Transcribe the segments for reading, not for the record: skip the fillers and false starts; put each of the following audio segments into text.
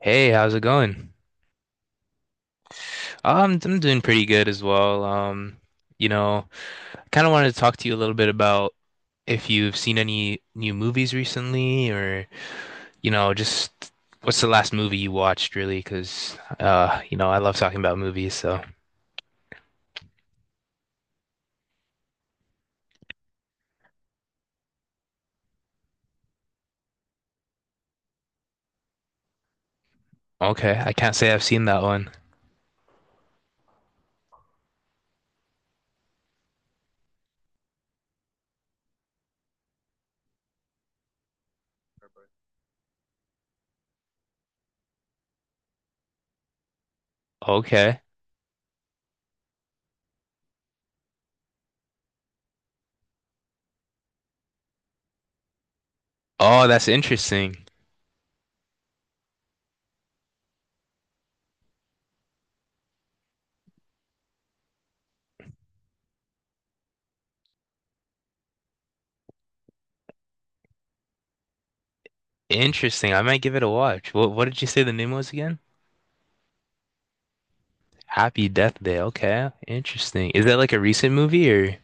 Hey, how's it going? I'm doing pretty good as well. You know, I kind of wanted to talk to you a little bit about if you've seen any new movies recently, or just what's the last movie you watched, really? Because I love talking about movies, so. Okay, I can't say I've seen that one. Okay. Oh, that's interesting. Interesting. I might give it a watch. What did you say the name was again? Happy Death Day. Okay, interesting. Is that like a recent movie or?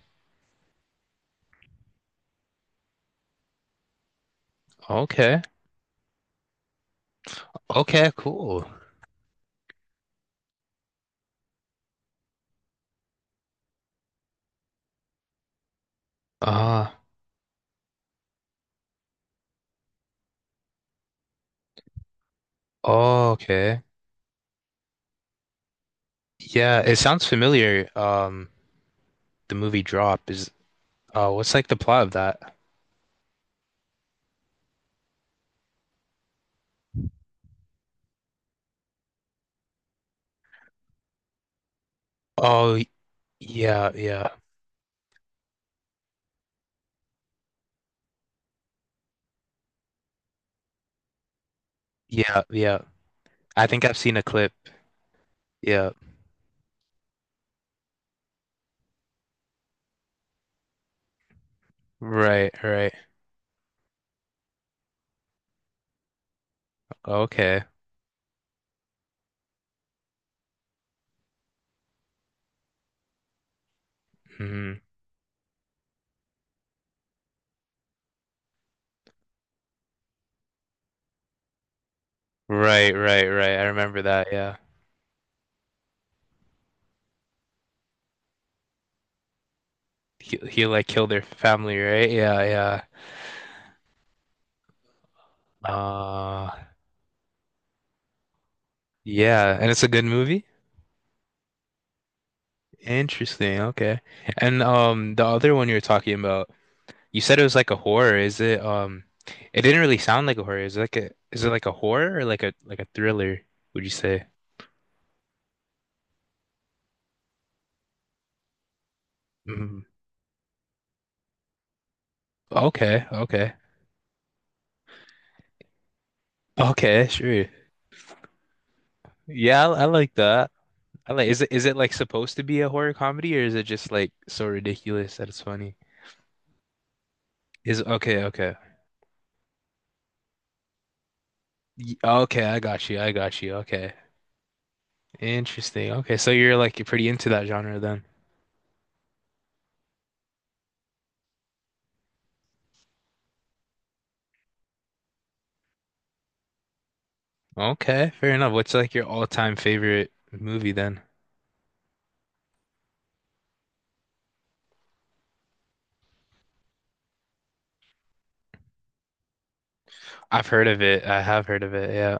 Okay, okay, cool. Uh, oh, okay. Yeah, it sounds familiar. The movie Drop is. What's like the plot of that? Oh, y- yeah, yeah, yeah, yeah. I think I've seen a clip. Yeah. Right, right. Okay. hmm Right, right, right. I remember that. Yeah. He like killed their family, right? Yeah, yeah. Yeah. And it's a good movie. Interesting. Okay. And the other one you were talking about, you said it was like a horror. Is it it didn't really sound like a horror. Is it like a horror or like a thriller, would you say? Mm. Okay, okay. Okay, sure. Yeah, I like that. I like is it like supposed to be a horror comedy or is it just like so ridiculous that it's funny? Is okay, okay. Okay, I got you. I got you. Okay. Interesting. Okay, so you're pretty into that genre then. Okay, fair enough. What's like your all-time favorite movie then? I've heard of it. I have heard of it. Yeah.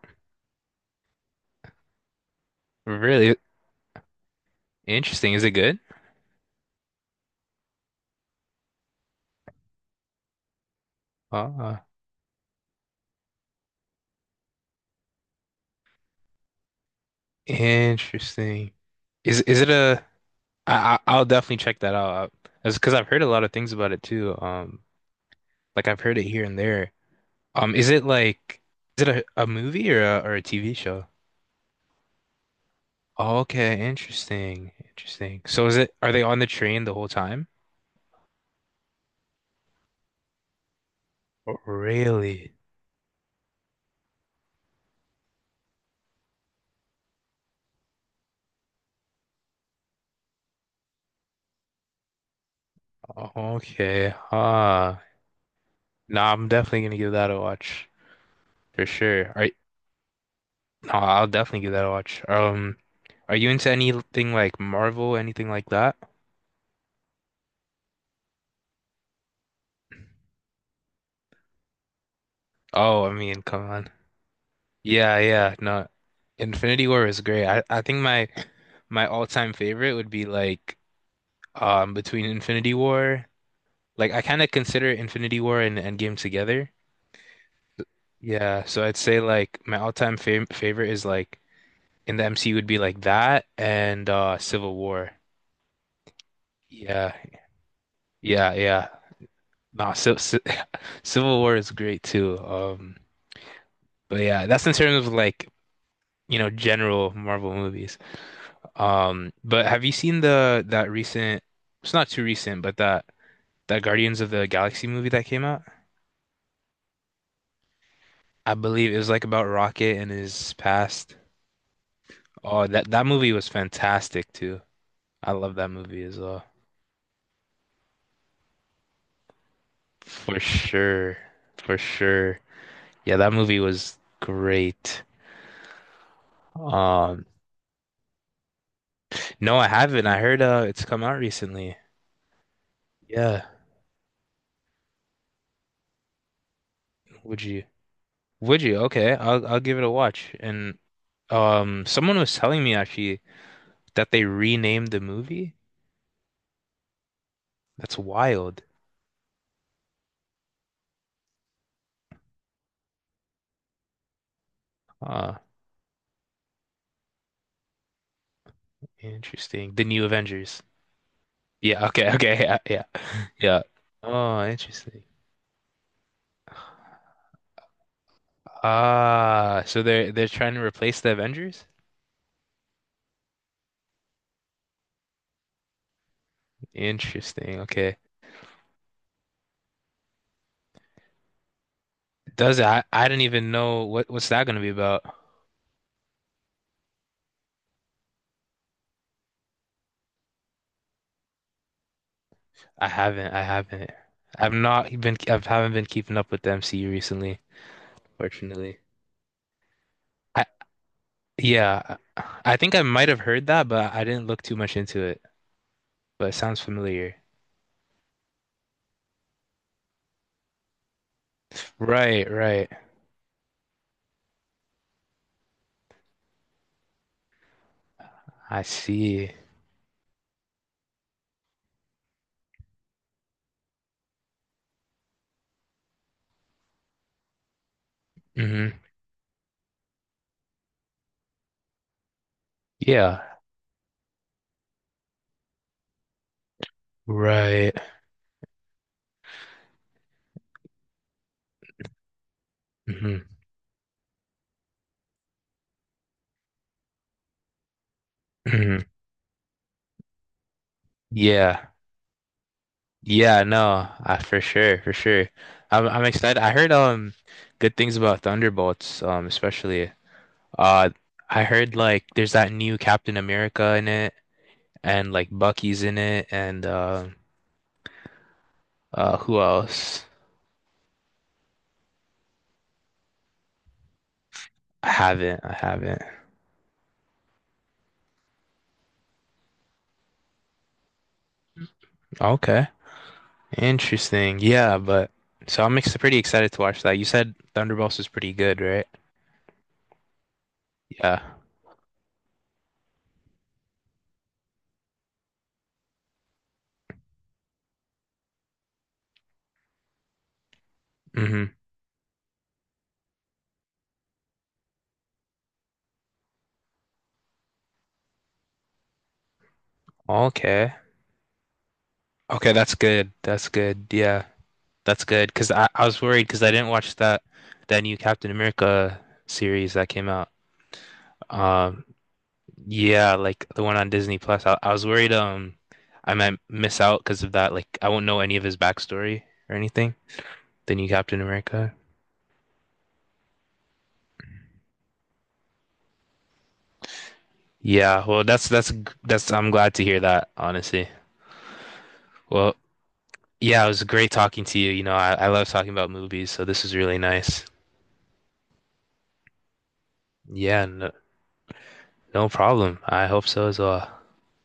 Really interesting. Is it good? Uh, interesting. Is it a I'll definitely check that out. That's because I've heard a lot of things about it too. Like I've heard it here and there. Is it like is it a movie or a TV show? Okay, interesting. Interesting. So is it are they on the train the whole time? Oh, really? Okay. Huh. No, I'm definitely gonna give that a watch for sure. Are no, I'll definitely give that a watch. Are you into anything like Marvel, anything like that? Oh, I mean, come on. Yeah, yeah. No, Infinity War is great. I think my all-time favorite would be like between Infinity War. Like I kind of consider Infinity War and Endgame together. Yeah, so I'd say like my all-time favorite is like in the MCU would be like that and Civil War. Yeah, yeah, yeah. Nah, Civ Civ- Civil War is great too. But yeah, that's in terms of like, general Marvel movies. But have you seen the that recent, it's not too recent, but that Guardians of the Galaxy movie that came out? I believe it was like about Rocket and his past. Oh, that that movie was fantastic too. I love that movie as well. For sure. For sure. Yeah, that movie was great. Um, no, I haven't. I heard it's come out recently. Yeah, would you? Would you? Okay, I'll give it a watch. And someone was telling me actually that they renamed the movie. That's wild. Ah, interesting. The New Avengers. Yeah. Okay. Okay. Yeah. Yeah. Yeah. Oh, interesting. Ah, so they're trying to replace the Avengers? Interesting. Okay. Does it? I didn't even know what's that gonna be about. I haven't. I haven't. I've not been. I haven't been keeping up with the MCU recently, fortunately. I, Yeah, I think I might have heard that, but I didn't look too much into it. But it sounds familiar. Right, right. I see. hmm Yeah, right. hmm hmm Yeah. Yeah, no, I for sure, for sure. I'm excited. I heard good things about Thunderbolts, especially. Uh I heard like there's that new Captain America in it and like Bucky's in it and who else? I haven't. Okay. Interesting. Yeah, but so I'm ex pretty excited to watch that. You said Thunderbolts is pretty good, right? Yeah. hmm Okay. Okay, that's good. That's good. Yeah, that's good. Cause I was worried because I didn't watch that new Captain America series that came out. Um, yeah, like the one on Disney Plus. I was worried I might miss out because of that. Like I won't know any of his backstory or anything. The new Captain America. Yeah, well, that's I'm glad to hear that, honestly. Well, yeah, it was great talking to you. You know, I love talking about movies, so this is really nice. Yeah, no, no problem. I hope so as well.